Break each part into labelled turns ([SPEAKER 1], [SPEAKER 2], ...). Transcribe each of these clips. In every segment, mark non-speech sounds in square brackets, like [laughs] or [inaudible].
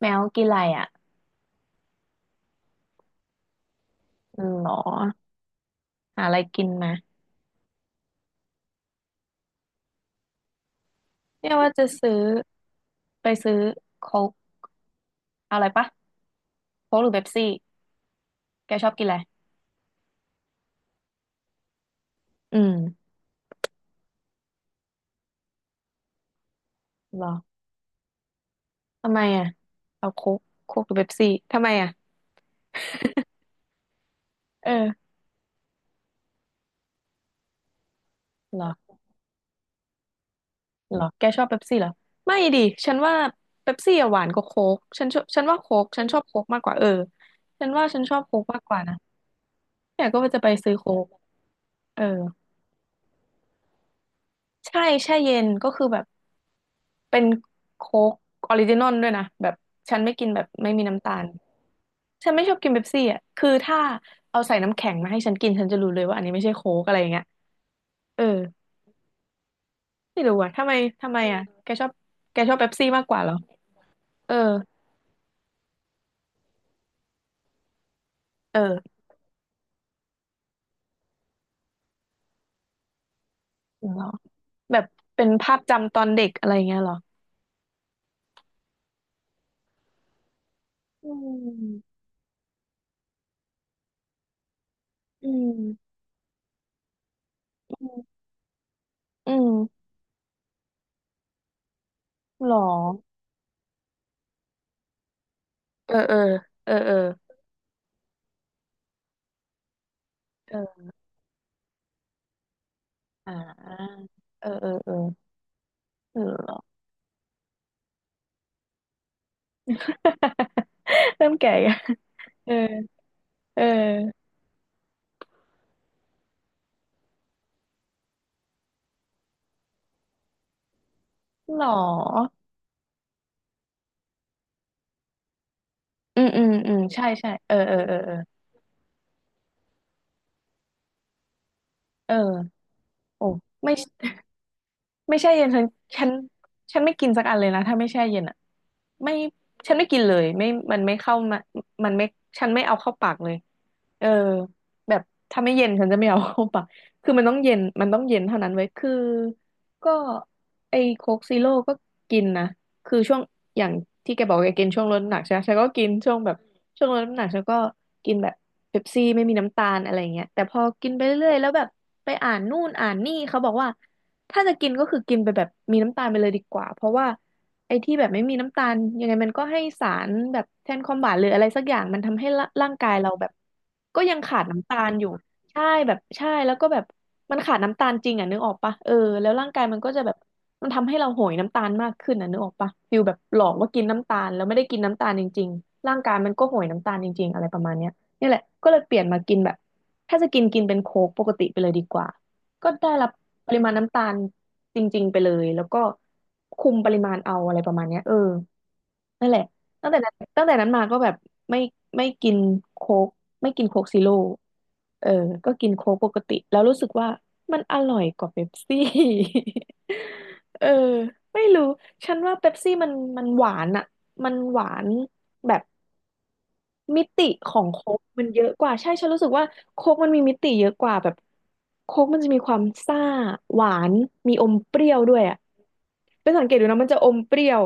[SPEAKER 1] แมวกินอะไรอ่ะอืมหรอหาอะไรกินมาเนี่ยว่าจะซื้อไปซื้อโค้กเอาอะไรปะโค้กหรือเป๊ปซี่แกชอบกินอะไรอืมหรอทำไมอ่ะเอาโค้กโค้กหรือเป๊ปซี่ทำไมอ่ะ [laughs] เออหรอหรอแกชอบเป๊ปซี่เหรอไม่ดิฉันว่าเป๊ปซี่อะหวานกว่าโค้กฉันชอบฉันว่าโค้กฉันชอบโค้กมากกว่าเออฉันว่าฉันชอบโค้กมากกว่านะแต่ก็ว่าจะไปซื้อโค้กเออใช่แช่เย็นก็คือแบบ เป็นโค้กออริจินอลด้วยนะแบบฉันไม่กินแบบไม่มีน้ำตาลฉันไม่ชอบกินเป๊ปซี่อ่ะคือถ้าเอาใส่น้ำแข็งมาให้ฉันกินฉันจะรู้เลยว่าอันนี้ไม่ใช่โค้กอะไรอย่างเงี้ยเออไม่รู้อ่ะทำไมทำไมอ่ะแกชอบแกชอบเป๊ปซี่มากกว่าเหรอเออเออเหรอแบบเป็นภาพจำตอนเด็กอะไรอย่างเงี้ยเหรออืมอืมอืมอืมหรอเออเออเออเออเอออ่าเออเออเออเหรอ [laughs] เริ่มแก่ [laughs] ยังเออเออหรออืมอืมอืมใช่ใช่เออเออเออเออเออโอ้ไม่ ไม่แช่เย็นฉันฉันฉันไม่กินสักอันเลยนะถ้าไม่แช่เย็นอ่ะไม่ฉันไม่กินเลยไม่มันไม่เข้ามามันไม่ฉันไม่เอาเข้าปากเลยเออแบบถ้าไม่เย็นฉันจะไม่เอาเข้าปากคือมันต้องเย็นมันต้องเย็นเท่านั้นไว้ยคือก็ไอ้โค้กซีโร่ก็กินนะคือช่วงอย่างที่แกบอกแกกินช่วงลดน้ำหนักใช่ไหมฉันก็กินช่วงแบบช่วงลดน้ำหนักฉันก็กินแบบเป๊ปซี่ไม่มีน้ำตาลอะไรเงี้ยแต่พอกินไปเรื่อยๆแล้วแบบไปอ่านนู่นอ่านนี่เขาบอกว่า ถ้าจะกินก็คือกินไปแบบมีน้ำตาลไปเลยดีกว่าเพราะว่าไอ้ที่แบบไม่มีน้ำตาลยังไงมันก็ให้สารแบบแทนความหวานหรืออะไรสักอย่างมันทำให้ร่างกายเราแบบก็ยังขาดน้ำตาลอยู่ใช่แบบใช่แล้วก็แบบมันขาดน้ำตาลจริงอ่ะนึกออกปะเออแล้วร่างกายมันก็จะแบบมันทำให้เราโหยน้ำตาลมากขึ้นอ่ะนึกออกปะฟิลแบบหลอกว่ากินน้ำตาลแล้วไม่ได้กินน้ำตาลจริงๆร่างกายมันก็โหยน้ำตาลจริงๆอะไรประมาณเนี้ยนี่แหละก็เลยเปลี่ยนมากินแบบถ้าจะกินกินเป็นโค้กปกติไปเลยดีกว่า ก็ได้รับปริมาณน้ำตาลจริงๆไปเลยแล้วก็คุมปริมาณเอาอะไรประมาณเนี้ยเออนั่นแหละตั้งแต่นั้นมาก็แบบไม่ไม่กินโค้กไม่กินโค้กซีโร่เออก็กินโค้กปกติแล้วรู้สึกว่ามันอร่อยกว่าเป๊ปซี่ [laughs] เออไม่รู้ฉันว่าเป๊ปซี่มันหวานอะมันหวานแบบ มิติของโค้กมันเยอะกว่าใช่ฉันรู้สึกว่าโค้กมันมีมิติเยอะกว่าแบบโค้กมันจะมีความซ่าหวานมีอมเปรี้ยวด้วยอ่ะเป็นสังเกตดูนะมันจะอมเปรี้ยว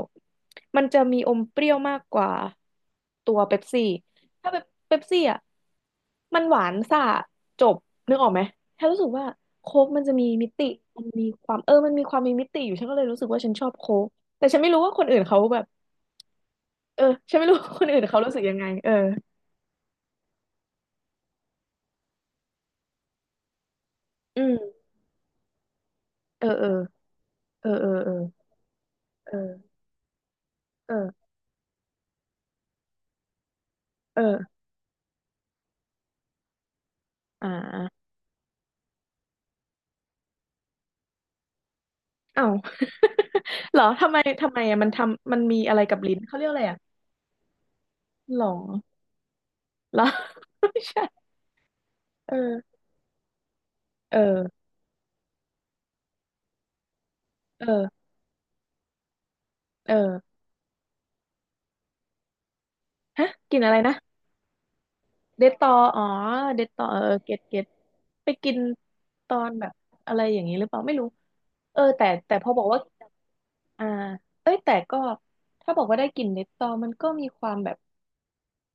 [SPEAKER 1] มันจะมีอมเปรี้ยวมากกว่าตัวเป๊ปซี่ถ้าเป๊ปซี่อ่ะมันหวานซ่าจบนึกออกไหมฉันรู้สึกว่าโค้กมันจะมีมิติมันมีความเออมันมีความมีมิติอยู่ฉันก็เลยรู้สึกว่าฉันชอบโค้กแต่ฉันไม่รู้ว่าคนอื่นเขาแบบเออฉันไม่รู้ว่าคนอื่นเขารู้สึกยังไงเอออืม เออเออเออเออเออเออเออเอออ่าเอ้า [laughs] เหรอทำไมทำไมอะมันทำมันมีอะไรกับลิ้นเขาเรียกอะไรอ่ะหรอเหรอ [laughs] ไม่ใช่เออเออเออเออฮะกินอะไรนะเดตตออ๋อเดตตอเออเออเก็ตเก็ตไปกินตอนแบบอะไรอย่างนี้หรือเปล่าไม่รู้เออแต่แต่พอบอกว่าอ่าเอ้ยแต่ก็ถ้าบอกว่าได้กลิ่นเนตตอมันก็มีความแบบ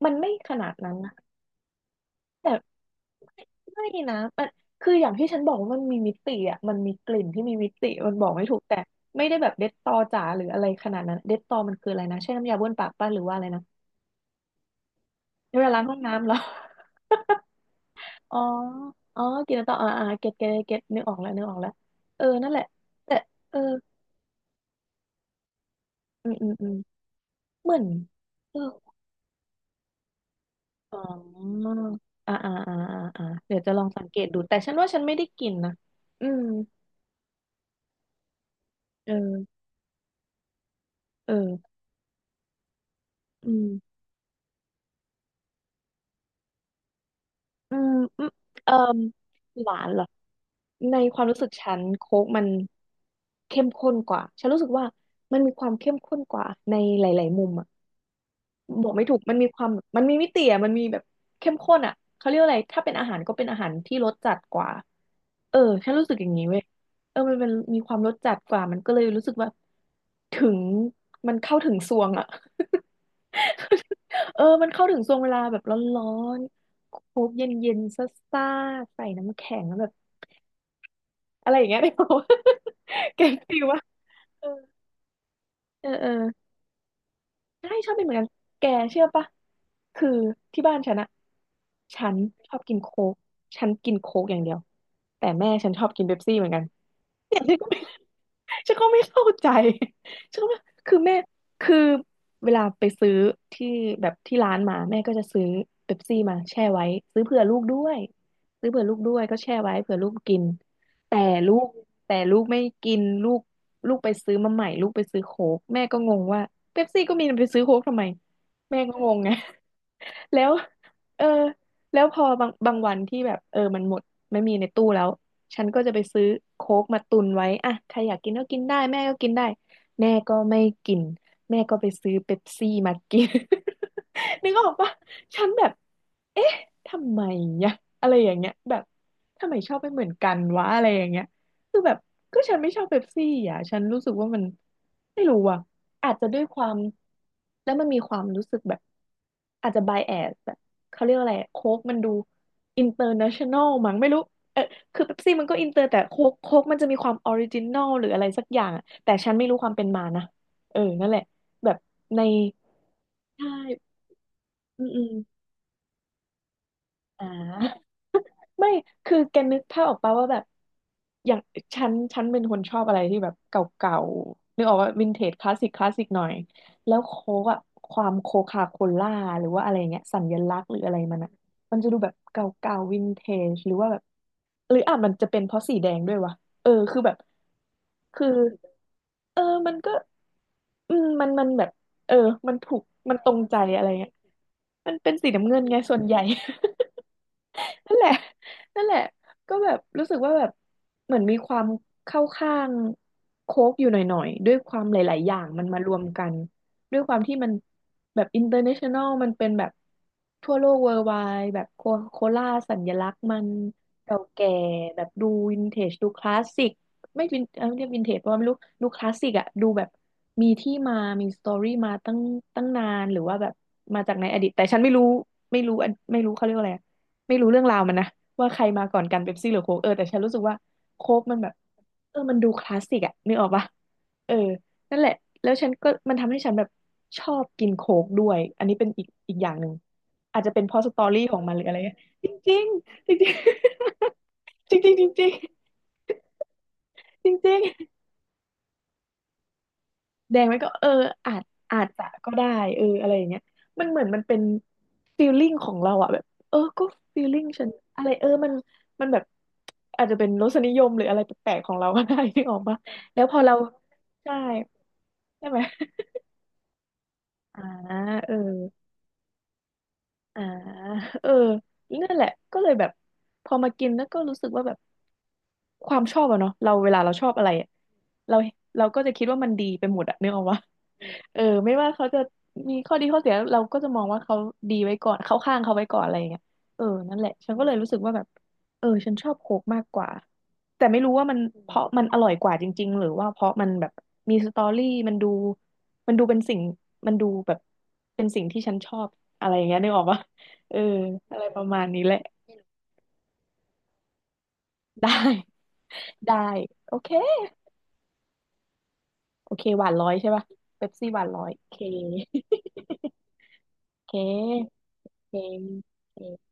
[SPEAKER 1] มันไม่ขนาดนั้นนะ แต่ไม่นะมันคืออย่างที่ฉันบอกว่ามันมีมิติอ่ะมันมีกลิ่นที่มีมิติมันบอกไม่ถูกแต่ไม่ได้แบบเด็ดตอจ๋าหรืออะไรขนาดนั้นเด็ดตอมันคืออะไรนะใช่น้ำยาบ้วนปากป้ะหรือว่าอะไรนะเวลาล้างห้องน้ำเหรอ [laughs] อ๋ออ๋อกินแล้วต่ออ่าอ่าเก็ตเก็ตเก็ตนึกออกแล้วนึกออกแล้วเออนั่นแหละแต่เอออืมเหมือนเอออ๋ออ่าอ่าอ่าอ่าอ่าเดี๋ยวจะลองสังเกตดูแต่ฉันว่าฉันไม่ได้กินนะอืมเออเอออืม อืมอืมเอ่มหวานเหรอในความรู้สึกฉันโค้กมันเข้มข้นกว่าฉันรู้สึกว่ามันมีความเข้มข้นกว่าในหลายๆมุมอะ บอกไม่ถูกมันมีความมันมีมิติอะมันมีแบบเข้มข้นอะเขาเรียกว่าอะไรถ้าเป็นอาหารก็เป็นอาหารที่รสจัดกว่าเออฉันรู้สึกอย่างนี้เว้ยเออมันเป็นมีความรสจัดกว่ามันก็เลยรู้สึกว่าถึงมันเข้าถึงซวงอะ [laughs] เออมันเข้าถึงซวงเวลาแบบร้อนๆโคกเย็นๆซ่าๆใส่น้ำแข็งแล้วแบบอะไรอย่างเงี้ย [laughs] ได้ป่าว [laughs] แกงฟิวว่าเออเออ ใช่ชอบเป็นเหมือนกันแกเชื่อปะคือที่บ้านฉันอะฉันชอบกินโค้กฉันกินโค้กอย่างเดียวแต่แม่ฉันชอบกินเป๊ปซี่เหมือนกัน [laughs] เนี่ยฉันก็ไม่ [laughs] ฉันก็ไม่เข้าใจ [laughs] ฉันก็ไม่คือแม่คือเวลาไปซื้อที่แบบที่ร้านมาแม่ก็จะซื้อเป๊ปซี่มาแช่ไว้ซื้อเผื่อลูกด้วยซื้อเผื่อลูกด้วยก็แช่ไว้เผื่อลูกกินแต่ลูกแต่ลูกไม่กินลูกลูกไปซื้อมาใหม่ลูกไปซื้อโค้กแม่ก็งงว่าเป๊ปซี่ก็มีไปซื้อโค้กทำไมแม่ก็งงไง แล้วเออแล้วพอบางวันที่แบบเออมันหมดไม่มีในตู้แล้วฉันก็จะไปซื้อโค้กมาตุนไว้อ่ะใครอยากกินก็กินได้แม่ก็กินได้แม่ก็ไม่กินแม่ก็ไปซื้อเป๊ปซี่มากิน [laughs] นึกออกปะฉันแบบเอ๊ะทำไมเนี่ยอะไรอย่างเงี้ยแบบทำไมชอบไม่เหมือนกันวะอะไรอย่างเงี้ย คือแบบก็ฉันไม่ชอบเป๊ปซี่อ่ะฉันรู้สึกว่ามันไม่รู้อ่ะอาจจะด้วยความแล้วมันมีความรู้สึกแบบอาจจะไบแอสแบบเขาเรียกอะไรโค้กมันดูอินเตอร์เนชั่นแนลมั้งไม่รู้เออคือเป๊ปซี่มันก็อินเตอร์แต่โค้กมันจะมีความออริจินอลหรืออะไรสักอย่างอะแต่ฉันไม่รู้ความเป็นมานะเออนั่นแหละแบบในใช่อืมอืมอ่า ไม่ คือแกนึกภาพออกปะว่าแบบอย่างฉันเป็นคนชอบอะไรที่แบบเก่าๆนึกออกว่าวินเทจคลาสสิกคลาสสิกหน่อยแล้วโค้กอะความโคคาโคล่าหรือว่าอะไรเงี้ยสัญลักษณ์หรืออะไรมันอะมันจะดูแบบเก่าๆวินเทจหรือว่าแบบหรืออ่ะมันจะเป็นเพราะสีแดงด้วยวะเออคือแบบคือเออมันก็อืมมันแบบเออมันถูกมันตรงใจอะไรเงี้ยมันเป็นสีน้ำเงินไงส่วนใหญ่ นั่นแหละ [laughs] นั่นแหละก็แบบรู้สึกว่าแบบเหมือนมีความเข้าข้างโค้กอยู่หน่อยๆ ด้วยความหลายๆ อย่างมันมารวมกัน ด้วยความที่มันแบบอินเตอร์เนชั่นแนลมันเป็นแบบทั่วโลกเวิร์ไวแบบโคโคล่าสัญลักษณ์มันเก่าแก่แบบดูวินเทจดูคลาสสิกไม่เรียกวินเทจเพราะว่าไม่รู้ดูคลาสสิกอะดูแบบมีที่มามีสตอรี่มาตั้งนานหรือว่าแบบมาจากในอดีตแต่ฉันไม่รู้ไม่รู้อันไม่รู้เขาเรียกว่าอะไร ไม่รู้เรื่องราวมันนะว่าใครมาก่อนกันเป๊ปซี่หรือโค้กเออแต่ฉันรู้สึกว่าโค้กมันแบบเออมันดูคลาสสิกอะนึกออกปะเออนั่นแหละแล้วฉันก็มันทำให้ฉันแบบชอบกินโค้กด้วยอันนี้เป็นอีกอย่างหนึ่งอาจจะเป็นเพราะสตอรี่ของมันหรืออะไรเงี้ยจริงๆจริงๆ [laughs] จริงๆจริงๆจริงๆ แดงไว้ก็เอออาจอาจจะก็ได้เอออะไรอย่างเงี้ยมันเหมือนมันเป็นฟีลลิ่งของเราอะแบบเออก็ฟีลลิ่งฉันอะไรเออมันแบบอาจจะเป็นรสนิยมหรืออะไรแปลกๆของเราก็ได้ [laughs] ที่ออกปะแล้วพอเราใช่ใช่ไหมอ่าเอออ่า [laughs] เออนั่นแหละก็เลยแบบพอมากินแล้วก็รู้สึกว่าแบบ ความชอบอะเนาะเราเวลาเราชอบอะไรอะเราเราก็จะคิดว่ามันดีไปหมดอะนึกออกวะ [laughs] เออไม่ว่าเขาจะมีข้อดีข้อเสียเราก็จะมองว่าเขาดีไว้ก่อนเข้าข้างเขาไว้ก่อนอะไรอย่างเงี้ยเออนั่นแหละฉันก็เลยรู้สึกว่าแบบเออฉันชอบโค้กมากกว่าแต่ไม่รู้ว่ามันเพราะมันอร่อยกว่าจริงๆหรือว่าเพราะมันแบบมีสตอรี่มันดูเป็นสิ่งมันดูแบบเป็นสิ่งที่ฉันชอบอะไรอย่างเงี้ยนึกออกปะเอออะไรประมาณนี้แหละได้ได้โอเค โอเคหวานร้อยใช่ป่ะเป๊ปซี่หวานร้อยโอเค [laughs] โอเคโอเค